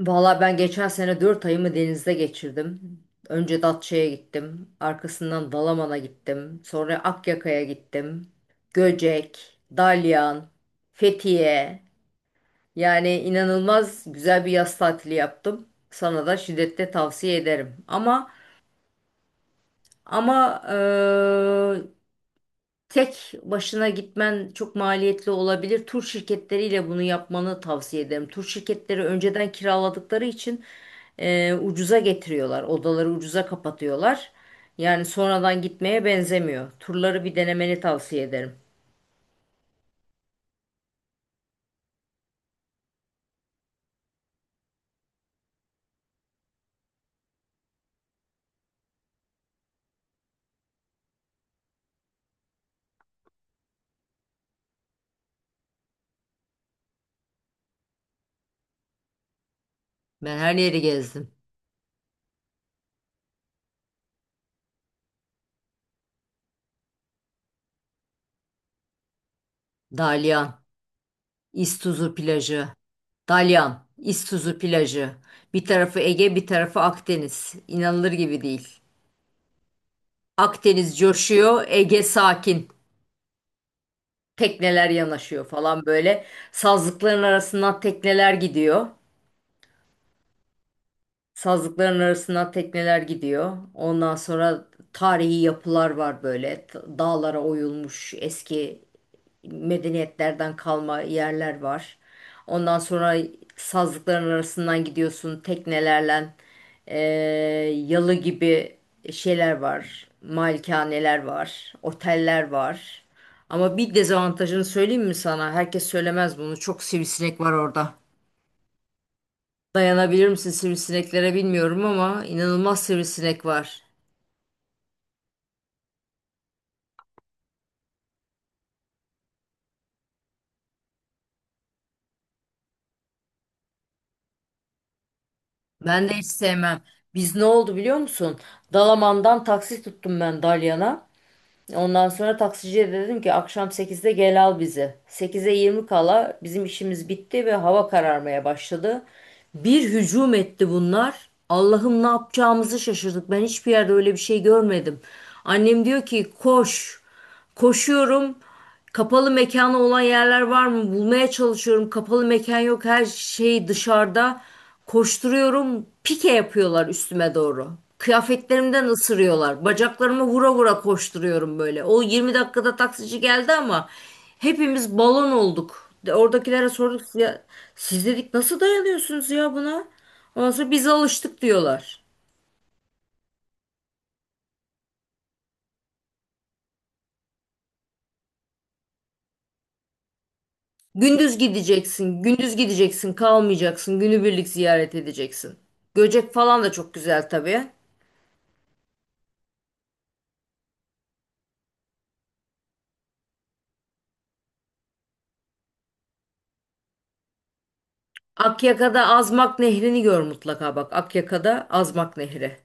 Valla ben geçen sene 4 ayımı denizde geçirdim. Önce Datça'ya gittim. Arkasından Dalaman'a gittim. Sonra Akyaka'ya gittim. Göcek, Dalyan, Fethiye. Yani inanılmaz güzel bir yaz tatili yaptım. Sana da şiddetle tavsiye ederim. Ama tek başına gitmen çok maliyetli olabilir. Tur şirketleriyle bunu yapmanı tavsiye ederim. Tur şirketleri önceden kiraladıkları için ucuza getiriyorlar. Odaları ucuza kapatıyorlar. Yani sonradan gitmeye benzemiyor. Turları bir denemeni tavsiye ederim. Ben her yeri gezdim. Dalyan, İztuzu plajı, Dalyan, İztuzu plajı. Bir tarafı Ege, bir tarafı Akdeniz. İnanılır gibi değil. Akdeniz coşuyor, Ege sakin. Tekneler yanaşıyor falan böyle. Sazlıkların arasından tekneler gidiyor. Sazlıkların arasına tekneler gidiyor. Ondan sonra tarihi yapılar var böyle. Dağlara oyulmuş eski medeniyetlerden kalma yerler var. Ondan sonra sazlıkların arasından gidiyorsun teknelerle. Ee, yalı gibi şeyler var. Malikaneler var. Oteller var. Ama bir dezavantajını söyleyeyim mi sana? Herkes söylemez bunu. Çok sivrisinek var orada. Dayanabilir misin sivrisineklere bilmiyorum ama inanılmaz sivrisinek var. Ben de hiç sevmem. Biz ne oldu biliyor musun? Dalaman'dan taksi tuttum ben Dalyan'a. Ondan sonra taksiciye de dedim ki akşam 8'de gel al bizi. 8'e 20 kala bizim işimiz bitti ve hava kararmaya başladı. Bir hücum etti bunlar. Allah'ım ne yapacağımızı şaşırdık. Ben hiçbir yerde öyle bir şey görmedim. Annem diyor ki koş. Koşuyorum. Kapalı mekanı olan yerler var mı? Bulmaya çalışıyorum. Kapalı mekan yok. Her şey dışarıda. Koşturuyorum. Pike yapıyorlar üstüme doğru. Kıyafetlerimden ısırıyorlar. Bacaklarımı vura vura koşturuyorum böyle. O 20 dakikada taksici geldi ama hepimiz balon olduk. Oradakilere sorduk. Ya, siz dedik nasıl dayanıyorsunuz ya buna? Ondan sonra biz alıştık diyorlar. Gündüz gideceksin, gündüz gideceksin, kalmayacaksın, günübirlik ziyaret edeceksin. Göcek falan da çok güzel tabii. Akyaka'da Azmak Nehri'ni gör mutlaka bak. Akyaka'da Azmak Nehri.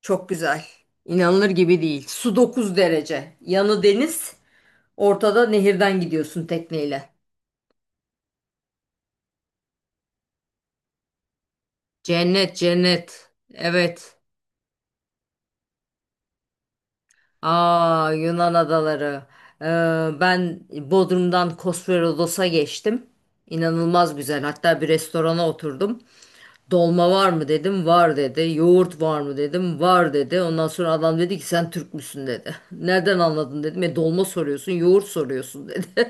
Çok güzel. İnanılır gibi değil. Su 9 derece. Yanı deniz, ortada nehirden gidiyorsun tekneyle. Cennet, cennet. Evet. Aa Yunan adaları. Ee, ben Bodrum'dan Kosperodos'a geçtim. İnanılmaz güzel. Hatta bir restorana oturdum. Dolma var mı dedim, var dedi. Yoğurt var mı dedim, var dedi. Ondan sonra adam dedi ki sen Türk müsün dedi. Nereden anladın dedim. E dolma soruyorsun, yoğurt soruyorsun dedi.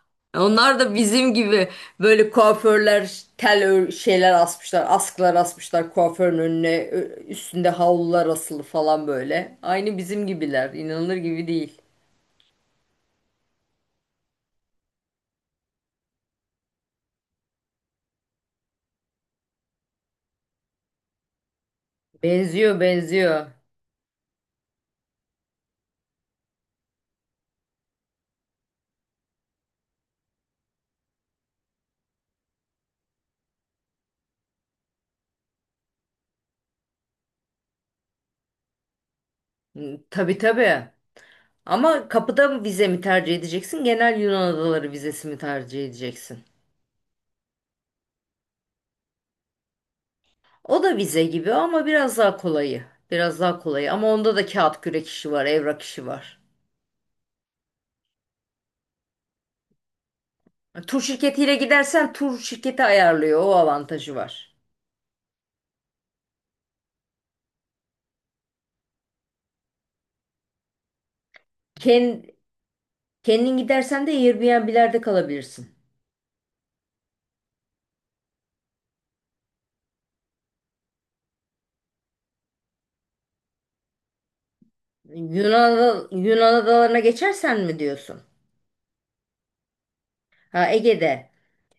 Onlar da bizim gibi böyle kuaförler, tel şeyler asmışlar. Askılar asmışlar kuaförün önüne. Üstünde havlular asılı falan böyle. Aynı bizim gibiler. İnanılır gibi değil. Benziyor, benziyor. Hı, tabii tabii. Ama kapıda mı vize mi tercih edeceksin? Genel Yunan adaları vizesi mi tercih edeceksin? O da vize gibi ama biraz daha kolayı. Biraz daha kolayı ama onda da kağıt kürek işi var, evrak işi var. Tur şirketiyle gidersen tur şirketi ayarlıyor. O avantajı var. Ken- kendin gidersen de Airbnb'lerde kalabilirsin. Yunan adalarına geçersen mi diyorsun? Ha, Ege'de.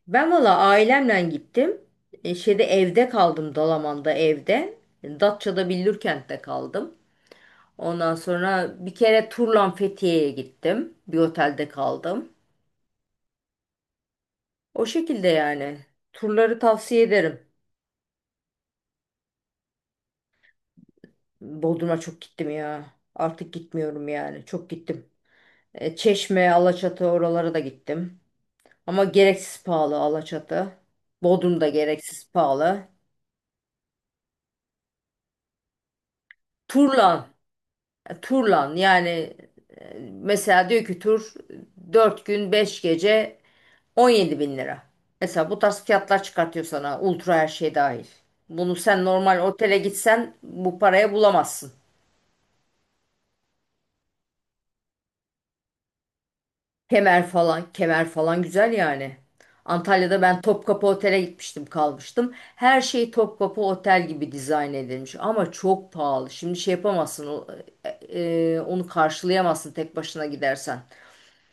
Ben valla ailemle gittim. Şeyde evde kaldım, Dalaman'da evde. Datça'da Billurkent'te kaldım. Ondan sonra bir kere turla Fethiye'ye gittim. Bir otelde kaldım. O şekilde yani. Turları tavsiye ederim. Bodrum'a çok gittim ya. Artık gitmiyorum yani. Çok gittim. Çeşme, Alaçatı, oralara da gittim. Ama gereksiz pahalı Alaçatı. Bodrum da gereksiz pahalı. Turlan. Turlan yani, mesela diyor ki tur 4 gün 5 gece 17 bin lira. Mesela bu tarz fiyatlar çıkartıyor sana, ultra her şey dahil. Bunu sen normal otele gitsen bu paraya bulamazsın. Kemer falan, kemer falan güzel yani. Antalya'da ben Topkapı Otel'e gitmiştim, kalmıştım. Her şey Topkapı Otel gibi dizayn edilmiş ama çok pahalı. Şimdi şey yapamazsın, e, onu karşılayamazsın tek başına gidersen.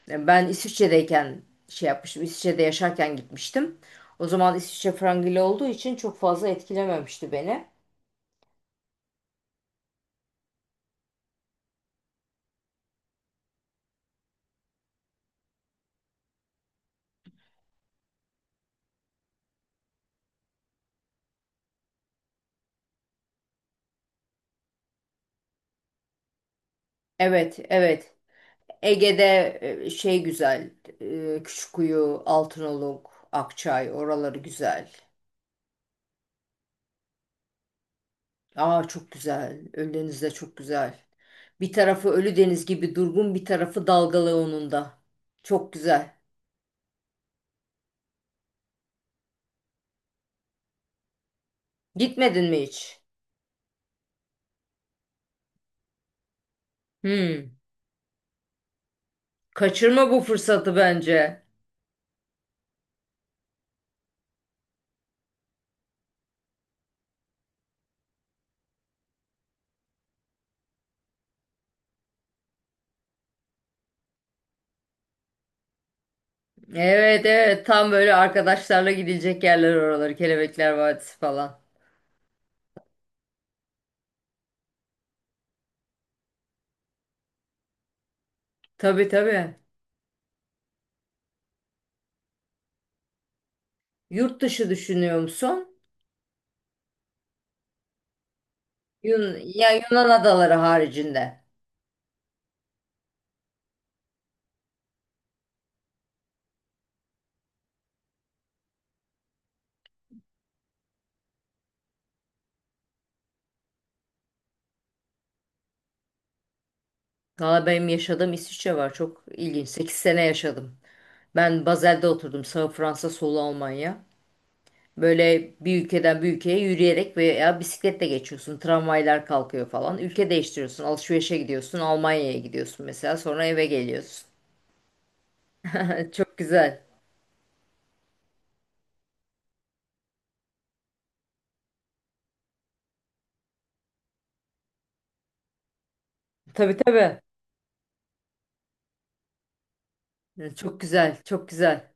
Yani ben İsviçre'deyken şey yapmıştım, İsviçre'de yaşarken gitmiştim. O zaman İsviçre frangili olduğu için çok fazla etkilememişti beni. Evet, evet. Ege'de şey güzel, Küçükkuyu, Altınoluk, Akçay, oraları güzel. Aa, çok güzel. Ölüdeniz de çok güzel. Bir tarafı Ölüdeniz gibi durgun, bir tarafı dalgalı onun da. Çok güzel. Gitmedin mi hiç? Hmm. Kaçırma bu fırsatı bence. Evet, evet, tam böyle arkadaşlarla gidilecek yerler oraları. Kelebekler Vadisi falan. Tabii, tabii. Yurt dışı düşünüyor musun? Ya Yunan adaları haricinde. Valla benim yaşadığım İsviçre var. Çok ilginç. 8 sene yaşadım. Ben Basel'de oturdum. Sağ Fransa, solu Almanya. Böyle bir ülkeden bir ülkeye yürüyerek veya bisikletle geçiyorsun. Tramvaylar kalkıyor falan. Ülke değiştiriyorsun. Alışverişe gidiyorsun. Almanya'ya gidiyorsun mesela. Sonra eve geliyorsun. Çok güzel. Tabii, tabii. Çok güzel. Çok güzel.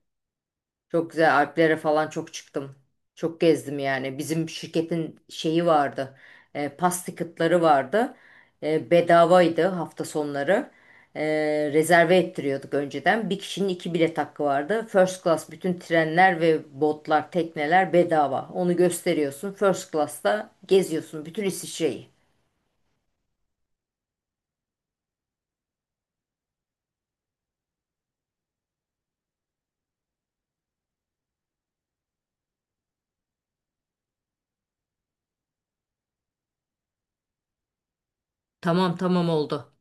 Çok güzel, Alplere falan çok çıktım. Çok gezdim yani. Bizim şirketin şeyi vardı. Pas ticket'ları vardı. Bedavaydı hafta sonları. E, rezerve ettiriyorduk önceden. Bir kişinin iki bilet hakkı vardı. First class bütün trenler ve botlar, tekneler bedava. Onu gösteriyorsun. First class'ta geziyorsun bütün İsviçre'yi. Tamam, tamam, oldu.